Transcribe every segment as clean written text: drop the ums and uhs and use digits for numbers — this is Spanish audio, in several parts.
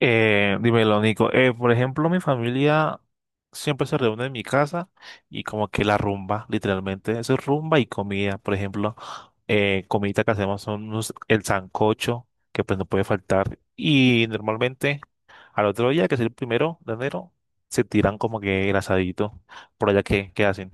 Dímelo, Nico. Por ejemplo, mi familia siempre se reúne en mi casa y como que la rumba, literalmente. Eso es rumba y comida. Por ejemplo, comida que hacemos el sancocho, que pues no puede faltar. Y normalmente al otro día, que es el primero de enero, se tiran como que el asadito. Por allá, qué hacen?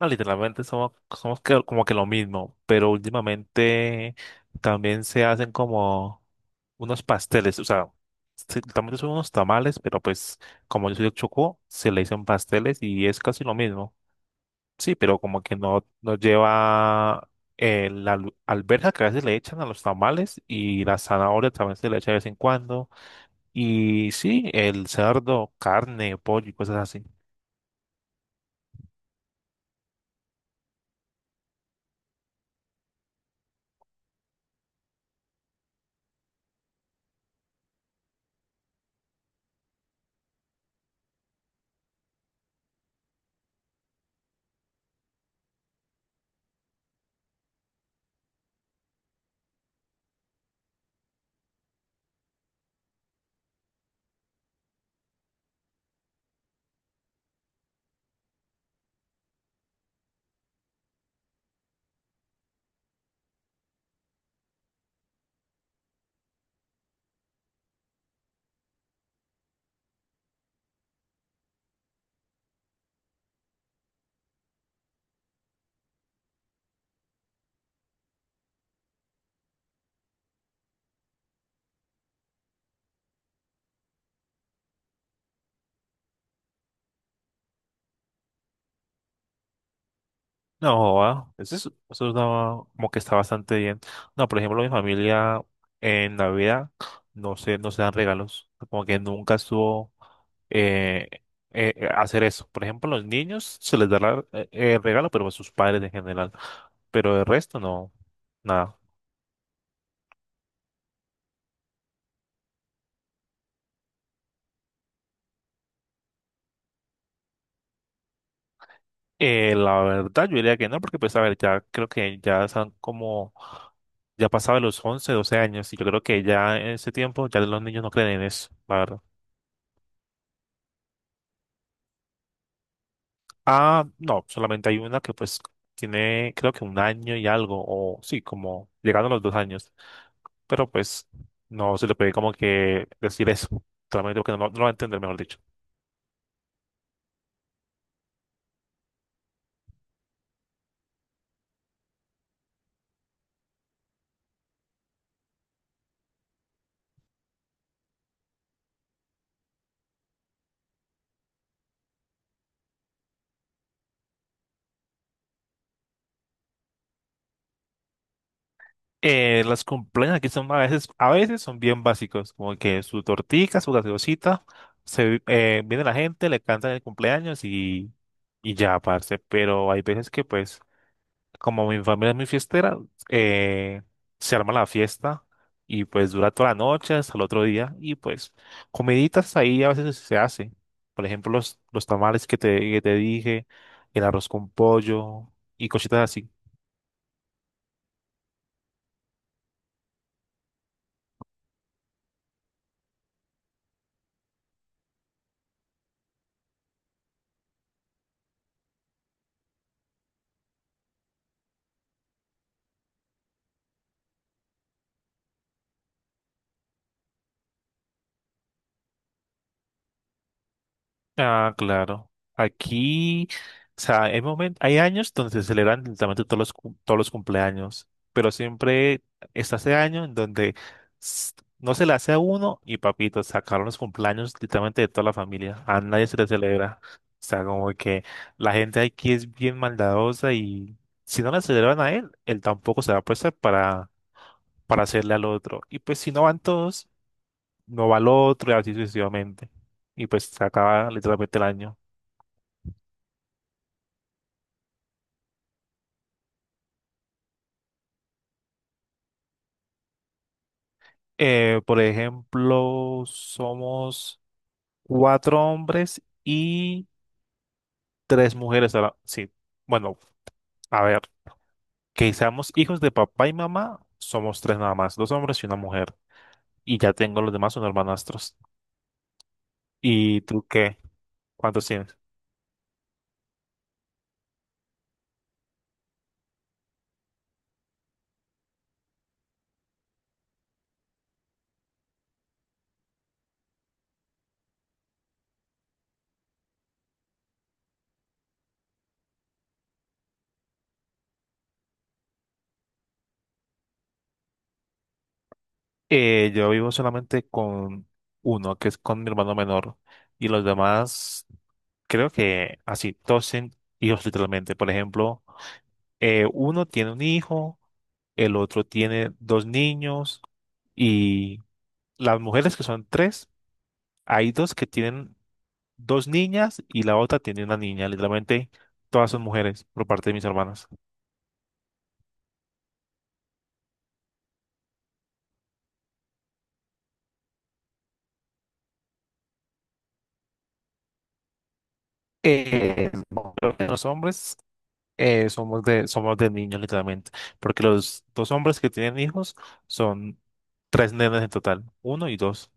No, literalmente somos como que lo mismo, pero últimamente también se hacen como unos pasteles, o sea, sí, también son unos tamales, pero pues como yo soy de Chocó, se le dicen pasteles y es casi lo mismo. Sí, pero como que no lleva la alberja que a veces le echan a los tamales y la zanahoria también se le echa de vez en cuando. Y sí, el cerdo, carne, pollo y cosas así. No, joda, eso, es- eso está- como que está bastante bien. No, por ejemplo, mi familia en Navidad no se dan regalos. Como que nunca estuvo eh, hacer eso. Por ejemplo, los niños se les da regalo, pero a sus padres en general. Pero el resto no, nada. La verdad, yo diría que no, porque pues a ver, ya creo que ya están como, ya pasaba los 11 12 años, y yo creo que ya en ese tiempo ya los niños no creen en eso, la verdad. Ah, no, solamente hay una que pues tiene creo que un año y algo, o sí, como llegando a los 2 años, pero pues no se le puede como que decir eso, solamente porque no lo va a entender, mejor dicho. Las cumpleaños aquí son a veces son bien básicos, como que su tortica, su gaseosita, viene la gente, le cantan el cumpleaños y ya, parce, pero hay veces que pues como mi familia es muy fiestera, eh, se arma la fiesta y pues dura toda la noche hasta el otro día y pues comiditas ahí a veces se hace. Por ejemplo, los tamales que te dije, el arroz con pollo y cositas así. Ah, claro. Aquí, o sea, hay hay años donde se celebran literalmente todos los cumpleaños, pero siempre está ese año en donde s- no se le hace a uno y papito, sacaron los cumpleaños literalmente de toda la familia. A nadie se le celebra. O sea, como que la gente aquí es bien maldadosa y si no le celebran a él, él tampoco se va a prestar para hacerle al otro. Y pues si no van todos, no va al otro y así sucesivamente. Y pues se acaba literalmente el año. Por ejemplo, somos cuatro hombres y tres mujeres. Ahora, sí, bueno, a ver, que seamos hijos de papá y mamá, somos tres nada más, dos hombres y una mujer. Y ya tengo los demás, son hermanastros. ¿Y tú qué? ¿Cuántos tienes? Yo vivo solamente con uno, que es con mi hermano menor. Y los demás, creo que así, todos tienen hijos literalmente. Por ejemplo, uno tiene un hijo, el otro tiene dos niños. Y las mujeres que son tres, hay dos que tienen dos niñas y la otra tiene una niña. Literalmente todas son mujeres por parte de mis hermanas. Eh, bueno, los hombres somos de niños, literalmente. Porque los dos hombres que tienen hijos son tres nenes en total, uno y dos.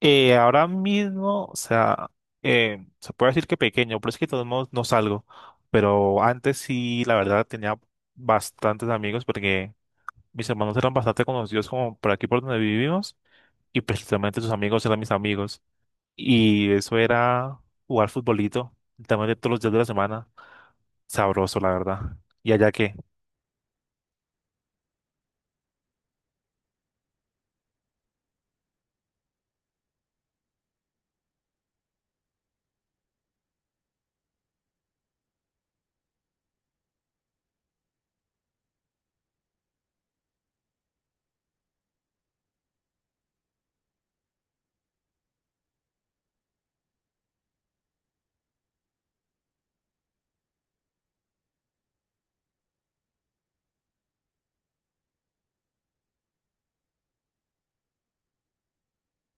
Ahora mismo, o sea, se puede decir que pequeño, pero es que de todos modos no salgo. Pero antes sí, la verdad, tenía bastantes amigos porque mis hermanos eran bastante conocidos como por aquí por donde vivimos y precisamente sus amigos eran mis amigos. Y eso era jugar futbolito, literalmente todos los días de la semana. Sabroso, la verdad. ¿Y allá qué?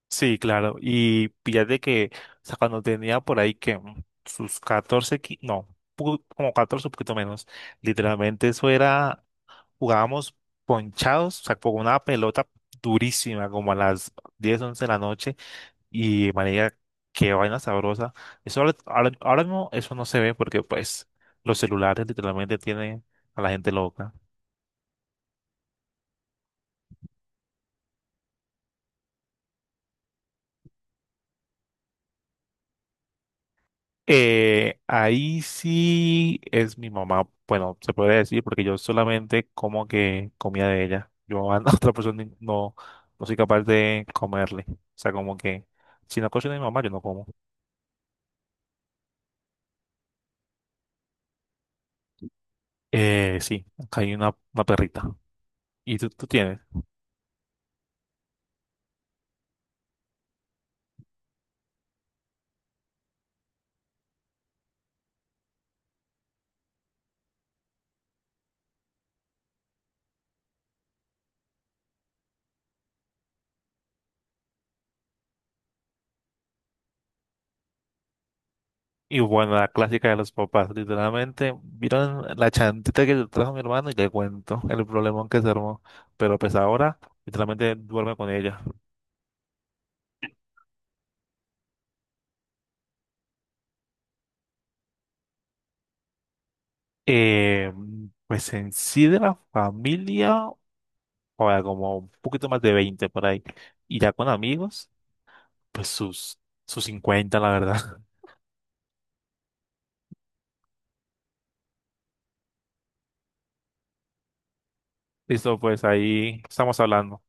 Sí, claro. Y de que, o sea, cuando tenía por ahí que sus 14 no, como 14 un poquito menos. Literalmente eso era, jugábamos ponchados, o sea, con una pelota durísima, como a las 10 11 de la noche. Y marica, qué vaina sabrosa. Eso ahora mismo eso no se ve porque pues los celulares literalmente tienen a la gente loca. Ahí sí es mi mamá, bueno, se puede decir porque yo solamente como que comía de ella. Yo a otra persona no, no soy capaz de comerle. O sea, como que si no cocina mi mamá, yo no como. Sí, acá hay una perrita. ¿Y tú tienes? Y bueno, la clásica de los papás, literalmente, vieron la chantita que le trajo mi hermano y le cuento el problemón que se armó. Pero pues ahora, literalmente duerme con ella. Eh, pues en sí de la familia. O sea como un poquito más de 20 por ahí. Y ya con amigos, pues sus 50 la verdad. Listo, pues ahí estamos hablando.